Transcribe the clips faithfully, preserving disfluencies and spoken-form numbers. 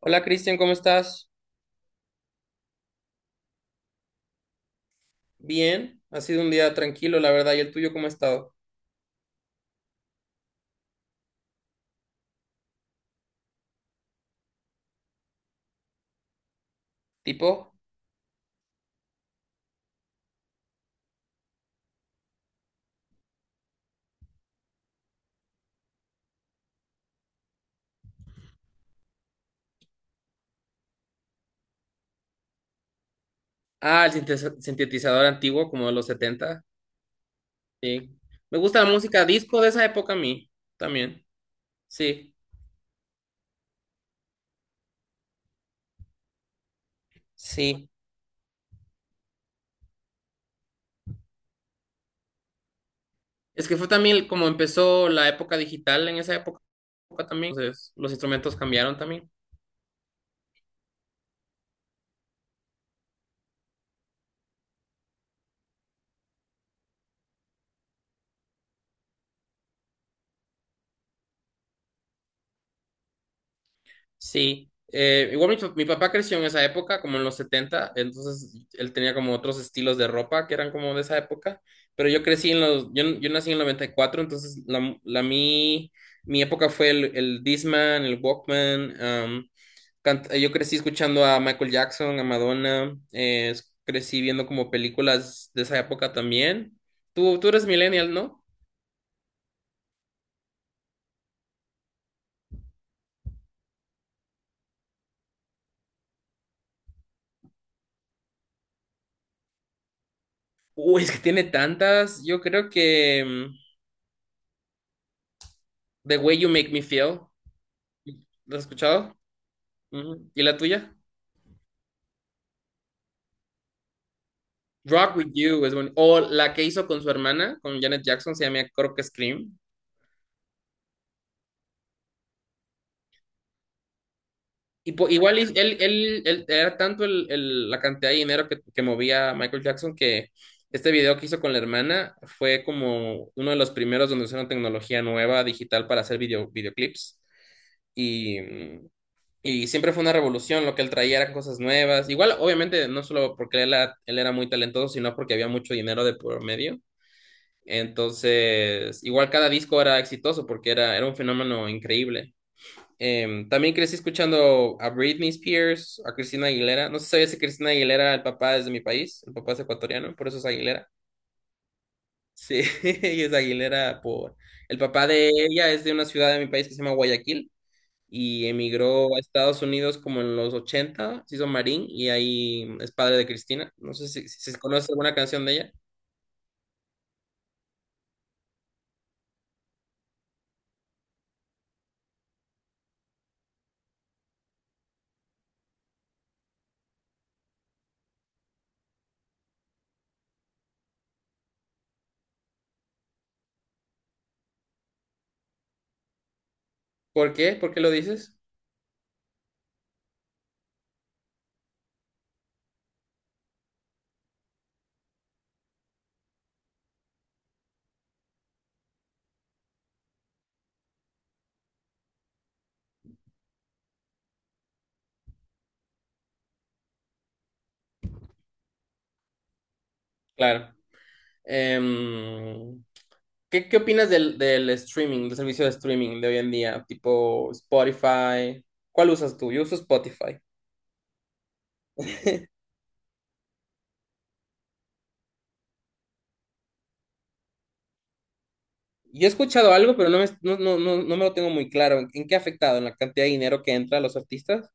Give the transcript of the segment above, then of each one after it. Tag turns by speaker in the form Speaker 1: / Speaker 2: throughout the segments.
Speaker 1: Hola Cristian, ¿cómo estás? Bien, ha sido un día tranquilo, la verdad. ¿Y el tuyo cómo ha estado? ¿Tipo? Ah, el sintetiza- sintetizador antiguo, como de los setenta. Sí. Me gusta la música disco de esa época a mí, también. Sí, sí. Es que fue también como empezó la época digital en esa época también. Entonces, los instrumentos cambiaron también. Sí, eh, igual mi, pa- mi papá creció en esa época, como en los setenta, entonces él tenía como otros estilos de ropa que eran como de esa época, pero yo crecí en los, yo, yo nací en el noventa y cuatro, entonces la, la mi, mi época fue el, el Discman, el Walkman, um, cant- yo crecí escuchando a Michael Jackson, a Madonna, eh, es- crecí viendo como películas de esa época también. Tú, tú eres millennial, ¿no? Uy, es que tiene tantas, yo creo que mm, The Way You Make Me Feel. ¿Lo has escuchado? Ujú. ¿Y la tuya? Rock With You es bueno. O la que hizo con su hermana, con Janet Jackson, se llama creo que Scream. Y po- igual hizo- él, él, él- era tanto el- el- la cantidad de dinero que, que movía Michael Jackson que este video que hizo con la hermana fue como uno de los primeros donde usaron tecnología nueva digital para hacer video, videoclips. Y, y siempre fue una revolución, lo que él traía eran cosas nuevas. Igual, obviamente, no solo porque él era, él era muy talentoso, sino porque había mucho dinero de por medio. Entonces, igual cada disco era exitoso porque era, era un fenómeno increíble. Em, también crecí escuchando a Britney Spears, a Cristina Aguilera. No sé si sabías que Cristina Aguilera, era el papá es de mi país, el papá es ecuatoriano, por eso es Aguilera. Sí, ella es Aguilera por... El papá de ella es de una ciudad de mi país que se llama Guayaquil y emigró a Estados Unidos como en los ochenta, se hizo marín y ahí es padre de Cristina. No sé si, si, si conoces alguna canción de ella. ¿Por qué? ¿Por qué lo dices? Claro. Em, ¿qué, qué opinas del, del streaming, del servicio de streaming de hoy en día? Tipo Spotify. ¿Cuál usas tú? Yo uso Spotify. Yo he escuchado algo, pero no me, no, no, no, no me lo tengo muy claro. ¿En, en qué ha afectado? ¿En la cantidad de dinero que entra a los artistas?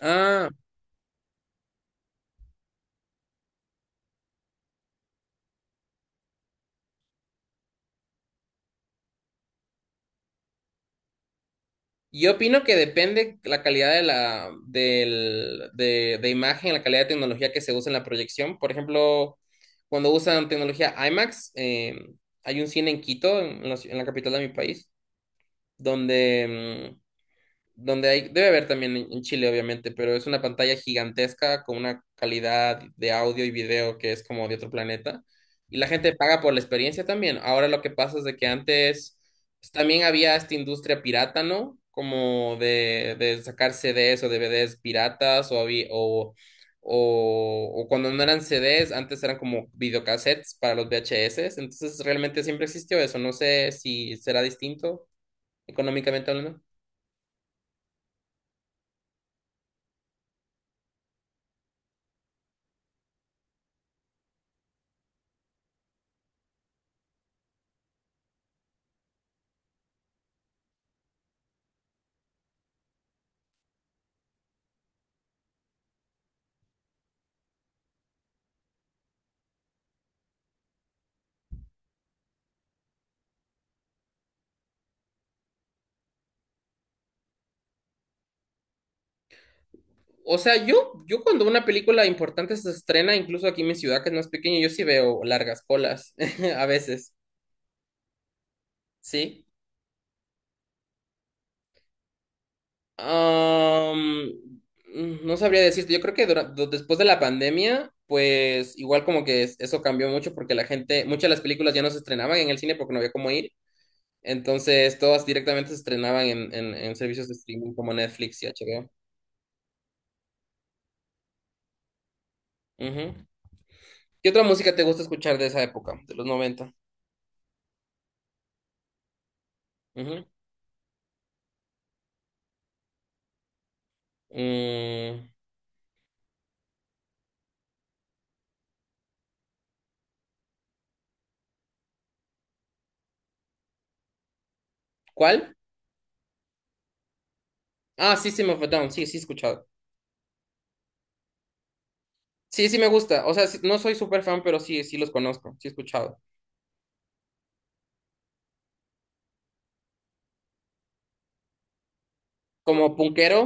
Speaker 1: Ah, yo opino que depende la calidad de la del, de, de imagen, la calidad de tecnología que se usa en la proyección. Por ejemplo, cuando usan tecnología IMAX, eh, hay un cine en Quito, en, la ci- en la capital de mi país, donde em, donde hay, debe haber también en en Chile, obviamente, pero es una pantalla gigantesca con una calidad de audio y video que es como de otro planeta. Y la gente paga por la experiencia también. Ahora lo que pasa es de que antes pues, también había esta industria pirata, ¿no? Como de, de sacar C D s o D V D s piratas o, había- o, o, o cuando no eran C D s, antes eran como videocassettes para los V H S. Entonces realmente siempre existió eso. No sé si será distinto económicamente hablando. O sea, yo, yo cuando una película importante se estrena, incluso aquí en mi ciudad, que no es pequeña, yo sí veo largas colas, a veces, ¿sí? Am, no sabría decirte, yo creo que dura- do- después de la pandemia, pues igual como que es- eso cambió mucho porque la gente, muchas de las películas ya no se estrenaban en el cine porque no había cómo ir, entonces todas directamente se estrenaban en, en, en servicios de streaming como Netflix y H B O. Ujú. ¿Qué otra música te gusta escuchar de esa época, de los noventa? Ujú. Mm, ¿cuál? Ah, System of a Down, sí, sí he escuchado. Sí, sí me gusta. O sea, sí- no soy súper fan, pero sí, sí los conozco, sí he escuchado. Como punkero,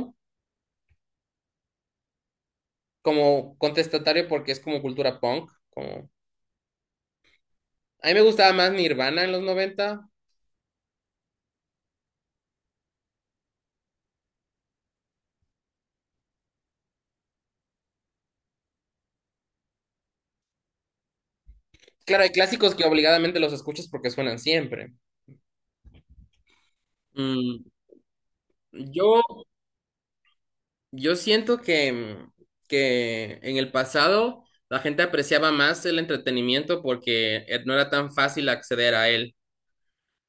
Speaker 1: como contestatario, porque es como cultura punk. Como... A mí me gustaba más Nirvana en los noventa. Claro, hay clásicos que obligadamente los escuchas porque suenan siempre. Mm, yo, yo siento que, mm, que en el pasado la gente apreciaba más el entretenimiento porque eh, no era tan fácil acceder a él.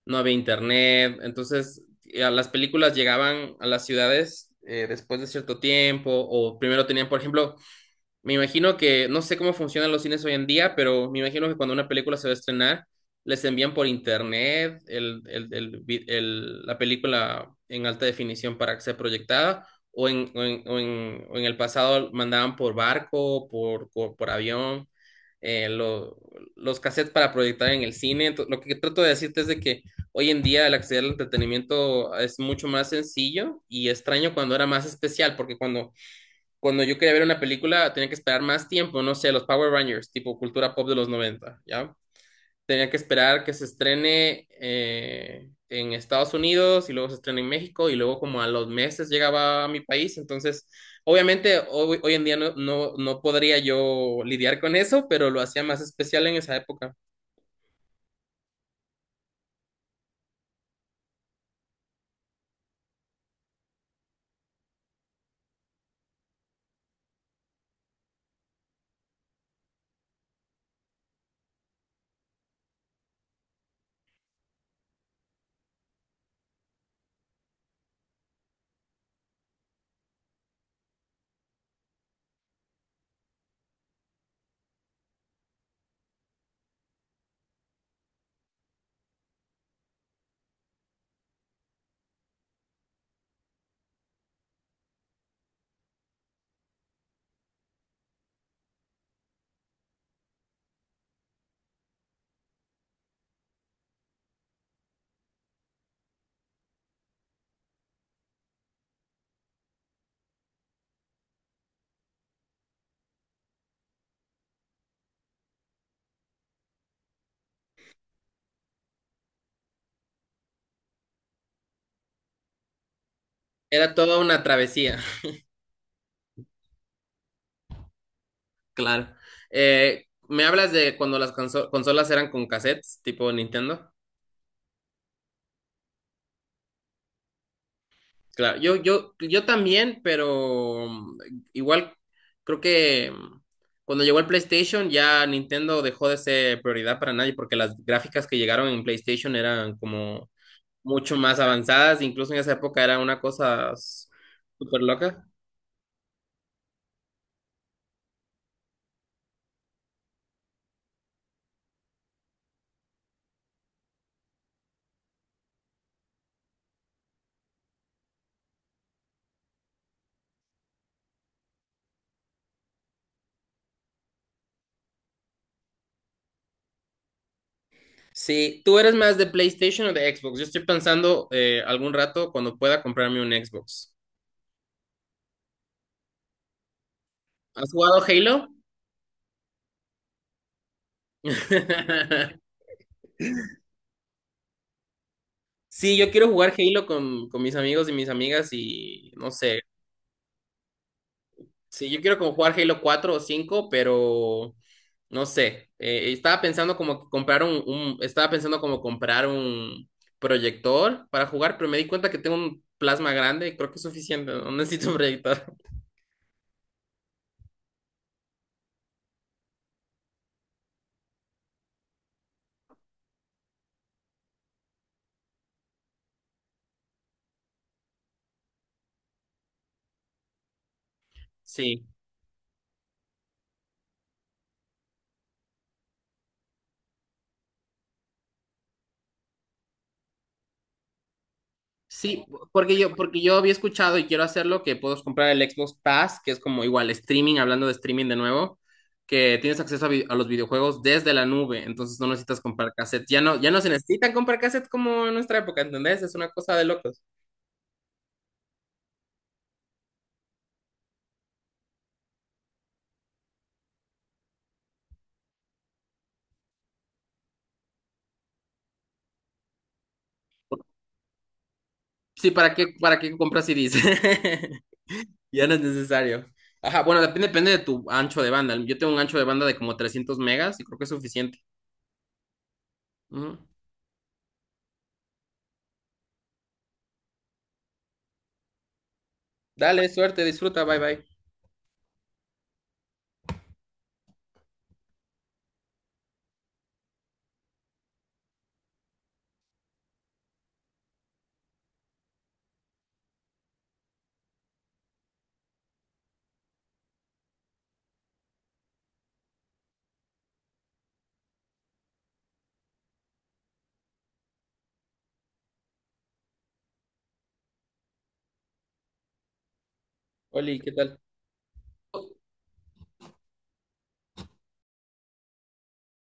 Speaker 1: No había internet, entonces eh, las películas llegaban a las ciudades eh, después de cierto tiempo, o primero tenían, por ejemplo, me imagino que, no sé cómo funcionan los cines hoy en día, pero me imagino que cuando una película se va a estrenar, les envían por internet el, el, el vi- el- la película en alta definición para que sea proyectada, o en, o en, o en, o en el pasado mandaban por barco, por, por, por avión, eh, lo- los cassettes para proyectar en el cine. Ento- lo que trato de decirte es de que hoy en día el acceder al entretenimiento es mucho más sencillo y extraño cuando era más especial, porque cuando cuando yo quería ver una película tenía que esperar más tiempo, no sé, los Power Rangers, tipo cultura pop de los noventa, ¿ya? Tenía que esperar que se estrene eh, en Estados Unidos y luego se estrena en México y luego como a los meses llegaba a mi país, entonces obviamente hoy, hoy en día no, no, no podría yo lidiar con eso, pero lo hacía más especial en esa época. Era toda una travesía, claro. Eh, me hablas de cuando las conso- consolas eran con cassettes, tipo Nintendo. Claro, yo, yo, yo también, pero mm, igual creo que mm, cuando llegó el PlayStation ya Nintendo dejó de ser prioridad para nadie porque las gráficas que llegaron en PlayStation eran como mucho más avanzadas, incluso en esa época era una cosa s- súper loca. Sí, ¿tú eres más de PlayStation o de Xbox? Yo estoy pensando eh, algún rato cuando pueda comprarme un Xbox. ¿Has jugado Halo? Sí, yo quiero jugar Halo con, con mis amigos y mis amigas y no sé. Sí, yo quiero como jugar Halo cuatro o cinco pero no sé. Eh, estaba pensando como comprar un, un- estaba pensando como comprar un proyector para jugar, pero me di cuenta que tengo un plasma grande y creo que es suficiente, no necesito un proyector. Sí. Sí, porque yo, porque yo había escuchado y quiero hacerlo, que puedes comprar el Xbox Pass, que es como igual streaming, hablando de streaming de nuevo, que tienes acceso a, vi- a los videojuegos desde la nube, entonces no necesitas comprar cassette. Ya no, ya no se necesitan comprar cassette como en nuestra época, ¿entendés? Es una cosa de locos. Sí, ¿para qué, para qué compras C D s? Ya no es necesario. Ajá, bueno, depende, depende de tu ancho de banda. Yo tengo un ancho de banda de como trescientos megas y creo que es suficiente. Ujú. Dale, suerte, disfruta, bye bye. Oli, ¿qué tal?